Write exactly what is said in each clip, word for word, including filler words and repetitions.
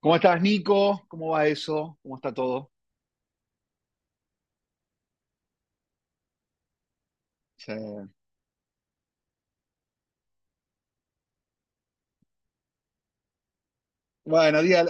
¿Cómo estás, Nico? ¿Cómo va eso? ¿Cómo está todo? Sí. Bueno, día,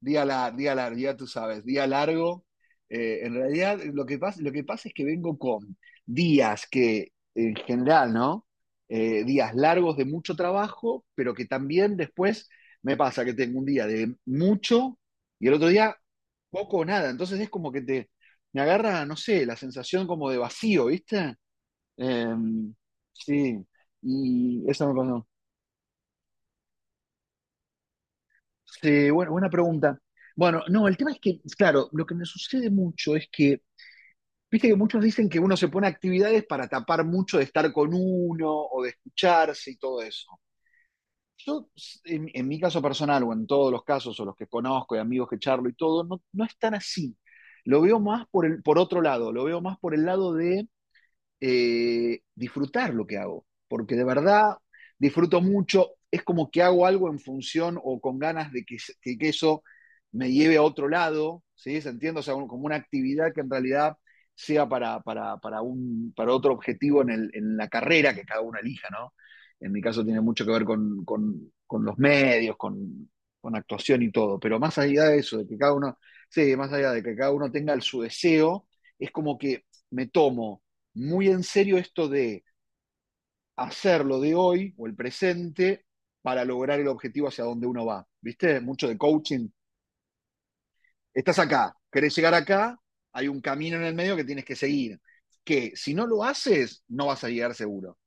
día, lar- día largo, ya tú sabes, día largo. Eh, en realidad, lo que pasa, lo que pasa es que vengo con días que, en general, ¿no? Eh, días largos de mucho trabajo, pero que también después me pasa que tengo un día de mucho y el otro día poco o nada. Entonces es como que te, me agarra, no sé, la sensación como de vacío, ¿viste? Em, sí, y eso me pasó. Sí, bueno, buena pregunta. Bueno, no, el tema es que, claro, lo que me sucede mucho es que, viste que muchos dicen que uno se pone actividades para tapar mucho de estar con uno o de escucharse y todo eso. Yo, s- en, en mi caso personal o en todos los casos o los que conozco y amigos que charlo y todo, no, no es tan así. Lo veo más por el, por otro lado, lo veo más por el lado de eh, disfrutar lo que hago, porque de verdad disfruto mucho, es como que hago algo en función o con ganas de que, que, que eso me lleve a otro lado, ¿sí? ¿Se entiende? O sea, un, como una actividad que en realidad sea para, para, para, un, para otro objetivo en, el, en, la carrera que cada uno elija, ¿no? En mi caso tiene mucho que ver con, con, con los medios, con, con, actuación y todo, pero más allá de eso, de que cada uno, sí, más allá de que cada uno tenga el, su deseo, es como que me tomo muy en serio esto de hacerlo de hoy o el presente para lograr el objetivo hacia donde uno va. ¿Viste? Mucho de coaching. Estás acá, querés llegar acá, hay un camino en el medio que tienes que seguir, que si no lo haces, no vas a llegar seguro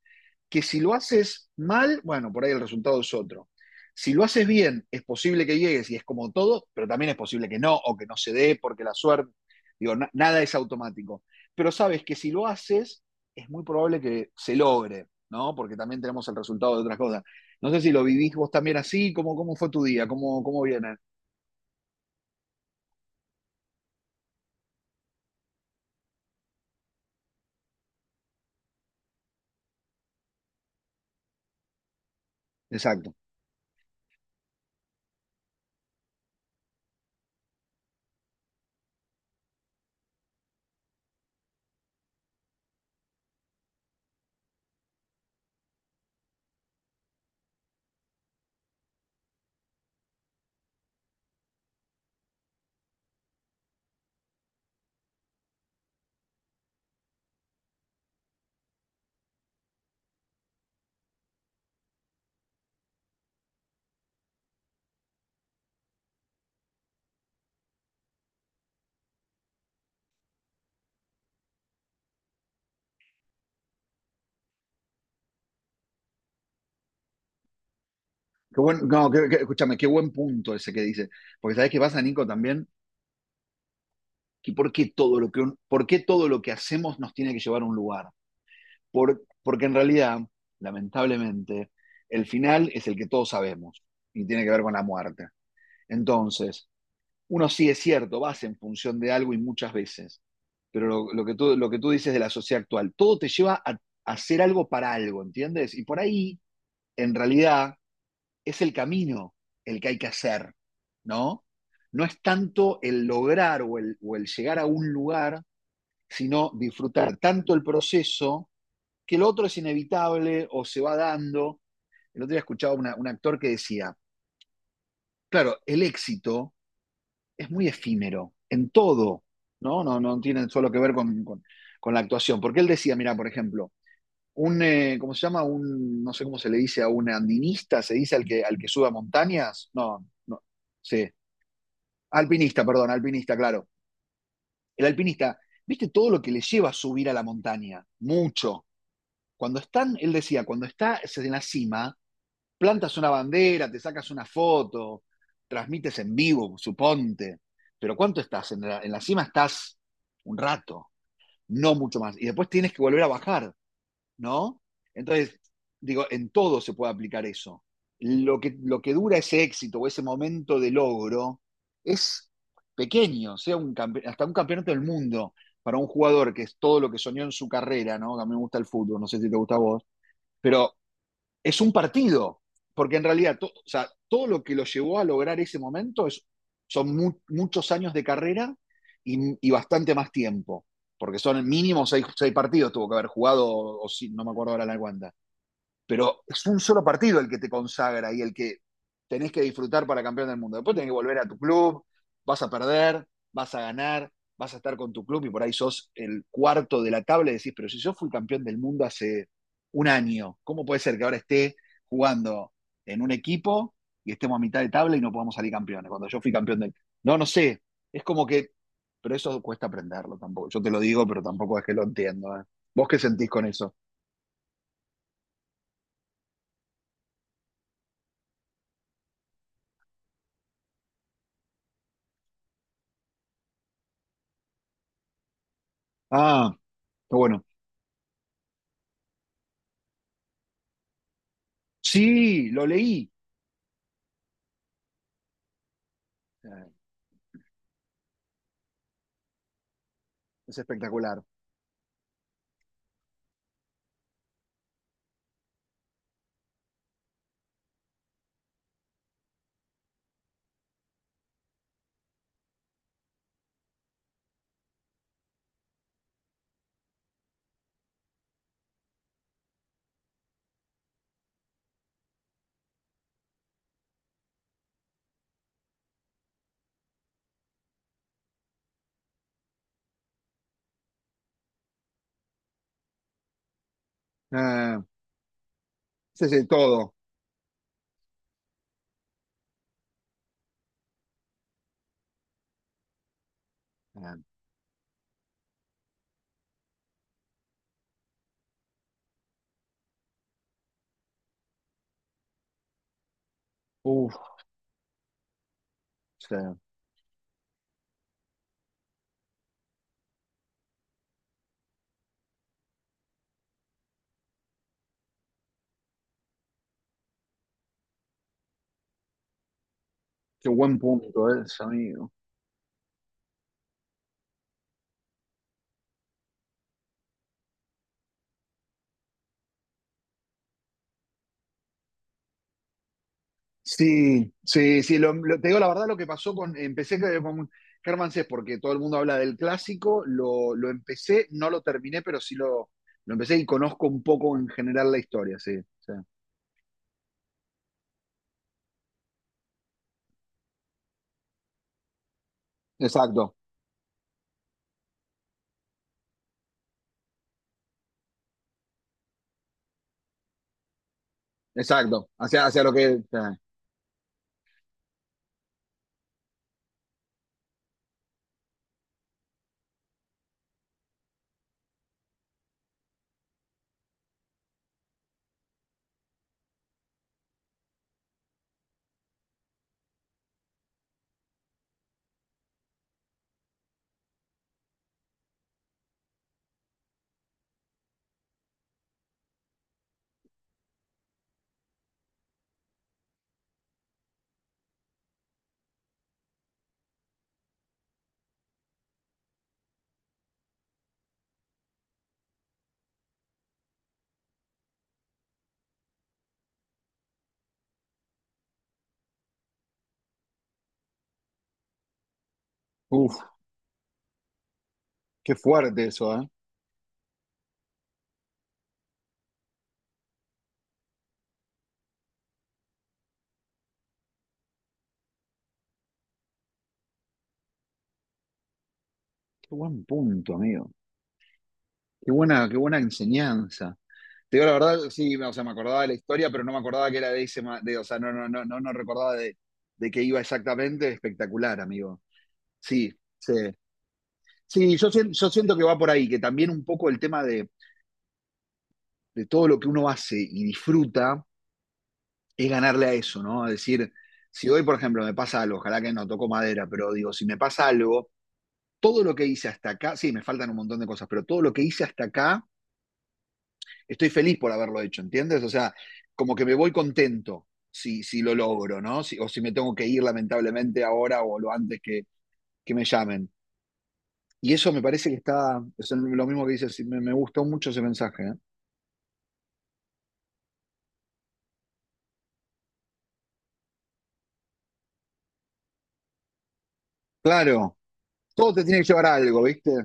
que si lo haces mal, bueno, por ahí el resultado es otro. Si lo haces bien, es posible que llegues y es como todo, pero también es posible que no o que no se dé porque la suerte, digo, na nada es automático. Pero sabes que si lo haces, es muy probable que se logre, ¿no? Porque también tenemos el resultado de otras cosas. No sé si lo vivís vos también así, ¿cómo, cómo fue tu día? ¿Cómo, cómo viene? Exacto. Qué buen, no, qué, qué, escúchame, qué buen punto ese que dice. Porque sabes qué pasa, Nico, también, que por qué todo lo que, un- ¿por qué todo lo que hacemos nos tiene que llevar a un lugar? Por- porque en realidad, lamentablemente, el final es el que todos sabemos y tiene que ver con la muerte. Entonces, uno sí es cierto, vas en función de algo y muchas veces, pero lo, lo que tú, lo que tú dices de la sociedad actual, todo te lleva a, a hacer algo para algo, ¿entiendes? Y por ahí, en realidad, es el camino el que hay que hacer, ¿no? No es tanto el lograr o el, o el llegar a un lugar, sino disfrutar tanto el proceso que lo otro es inevitable o se va dando. El otro día escuchaba una, un actor que decía, claro, el éxito es muy efímero en todo, ¿no? No, no tiene solo que ver con, con, con la actuación. Porque él decía, mira, por ejemplo, un, eh, ¿cómo se llama? Un, no sé cómo se le dice a un andinista, se dice al que, al que sube a montañas. No, no, sí. Alpinista, perdón, alpinista, claro. El alpinista, ¿viste todo lo que le lleva a subir a la montaña? Mucho. Cuando están, él decía, cuando está en la cima, plantas una bandera, te sacas una foto, transmites en vivo, suponte. Pero ¿cuánto estás? En la, en la cima estás un rato, no mucho más. Y después tienes que volver a bajar, ¿no? Entonces, digo, en todo se puede aplicar eso. Lo que, lo que dura ese éxito o ese momento de logro es pequeño, sea un campe- hasta un campeonato del mundo para un jugador que es todo lo que soñó en su carrera, ¿no? A mí me gusta el fútbol, no sé si te gusta a vos, pero es un partido, porque en realidad to, o sea, todo lo que lo llevó a lograr ese momento es, son mu muchos años de carrera y, y, bastante más tiempo, porque son mínimo seis, seis partidos, tuvo que haber jugado, o si, no me acuerdo ahora la cuenta, pero es un solo partido el que te consagra y el que tenés que disfrutar para campeón del mundo. Después tenés que volver a tu club, vas a perder, vas a ganar, vas a estar con tu club y por ahí sos el cuarto de la tabla y decís, pero si yo fui campeón del mundo hace un año, ¿cómo puede ser que ahora esté jugando en un equipo y estemos a mitad de tabla y no podamos salir campeones? Cuando yo fui campeón del... No, no sé, es como que... Pero eso cuesta aprenderlo tampoco. Yo te lo digo, pero tampoco es que lo entiendo, ¿eh? ¿Vos qué sentís con eso? Ah, pero bueno. Sí, lo leí. Eh, Es espectacular. Eh, ese es el todo. Eh, uf, sí, qué buen punto es, amigo. Sí, sí, sí. Lo- lo- te digo la verdad lo que pasó con. Empecé que- con Germán porque todo el mundo habla del clásico. Lo, lo empecé, no lo terminé, pero sí lo, lo empecé y conozco un poco en general la historia, sí. Sí. Exacto, exacto. Hacia, hacia lo que. Sí. Uf, qué fuerte eso, ¿eh? Qué buen punto, amigo. Qué buena, qué buena enseñanza. Te digo la verdad, sí, o sea, me acordaba de la historia, pero no me acordaba que era de ese, ma- de, o sea, no, no, no, no, no recordaba de, de qué iba exactamente. Espectacular, amigo. Sí, sí. Sí, yo, sien- yo siento que va por ahí, que también un poco el tema de, de todo lo que uno hace y disfruta es ganarle a eso, ¿no? Es decir, si hoy, por ejemplo, me pasa algo, ojalá que no toco madera, pero digo, si me pasa algo, todo lo que hice hasta acá, sí, me faltan un montón de cosas, pero todo lo que hice hasta acá estoy feliz por haberlo hecho, ¿entiendes? O sea, como que me voy contento si, si lo logro, ¿no? Si, o si me tengo que ir lamentablemente ahora o lo antes que, que me llamen. Y eso me parece que está, es lo mismo que dices, me, me gustó mucho ese mensaje, ¿eh? Claro, todo te tiene que llevar a algo, ¿viste? Sí.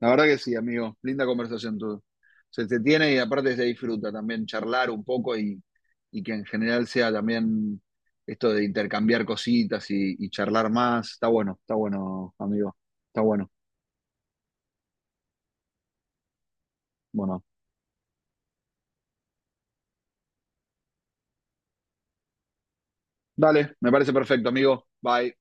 La verdad que sí, amigo. Linda conversación todo. Se te tiene y aparte se disfruta también charlar un poco y, y que en general sea también esto de intercambiar cositas y, y charlar más. Está bueno, está bueno, amigo. Está bueno. Bueno, dale, me parece perfecto, amigo. Bye.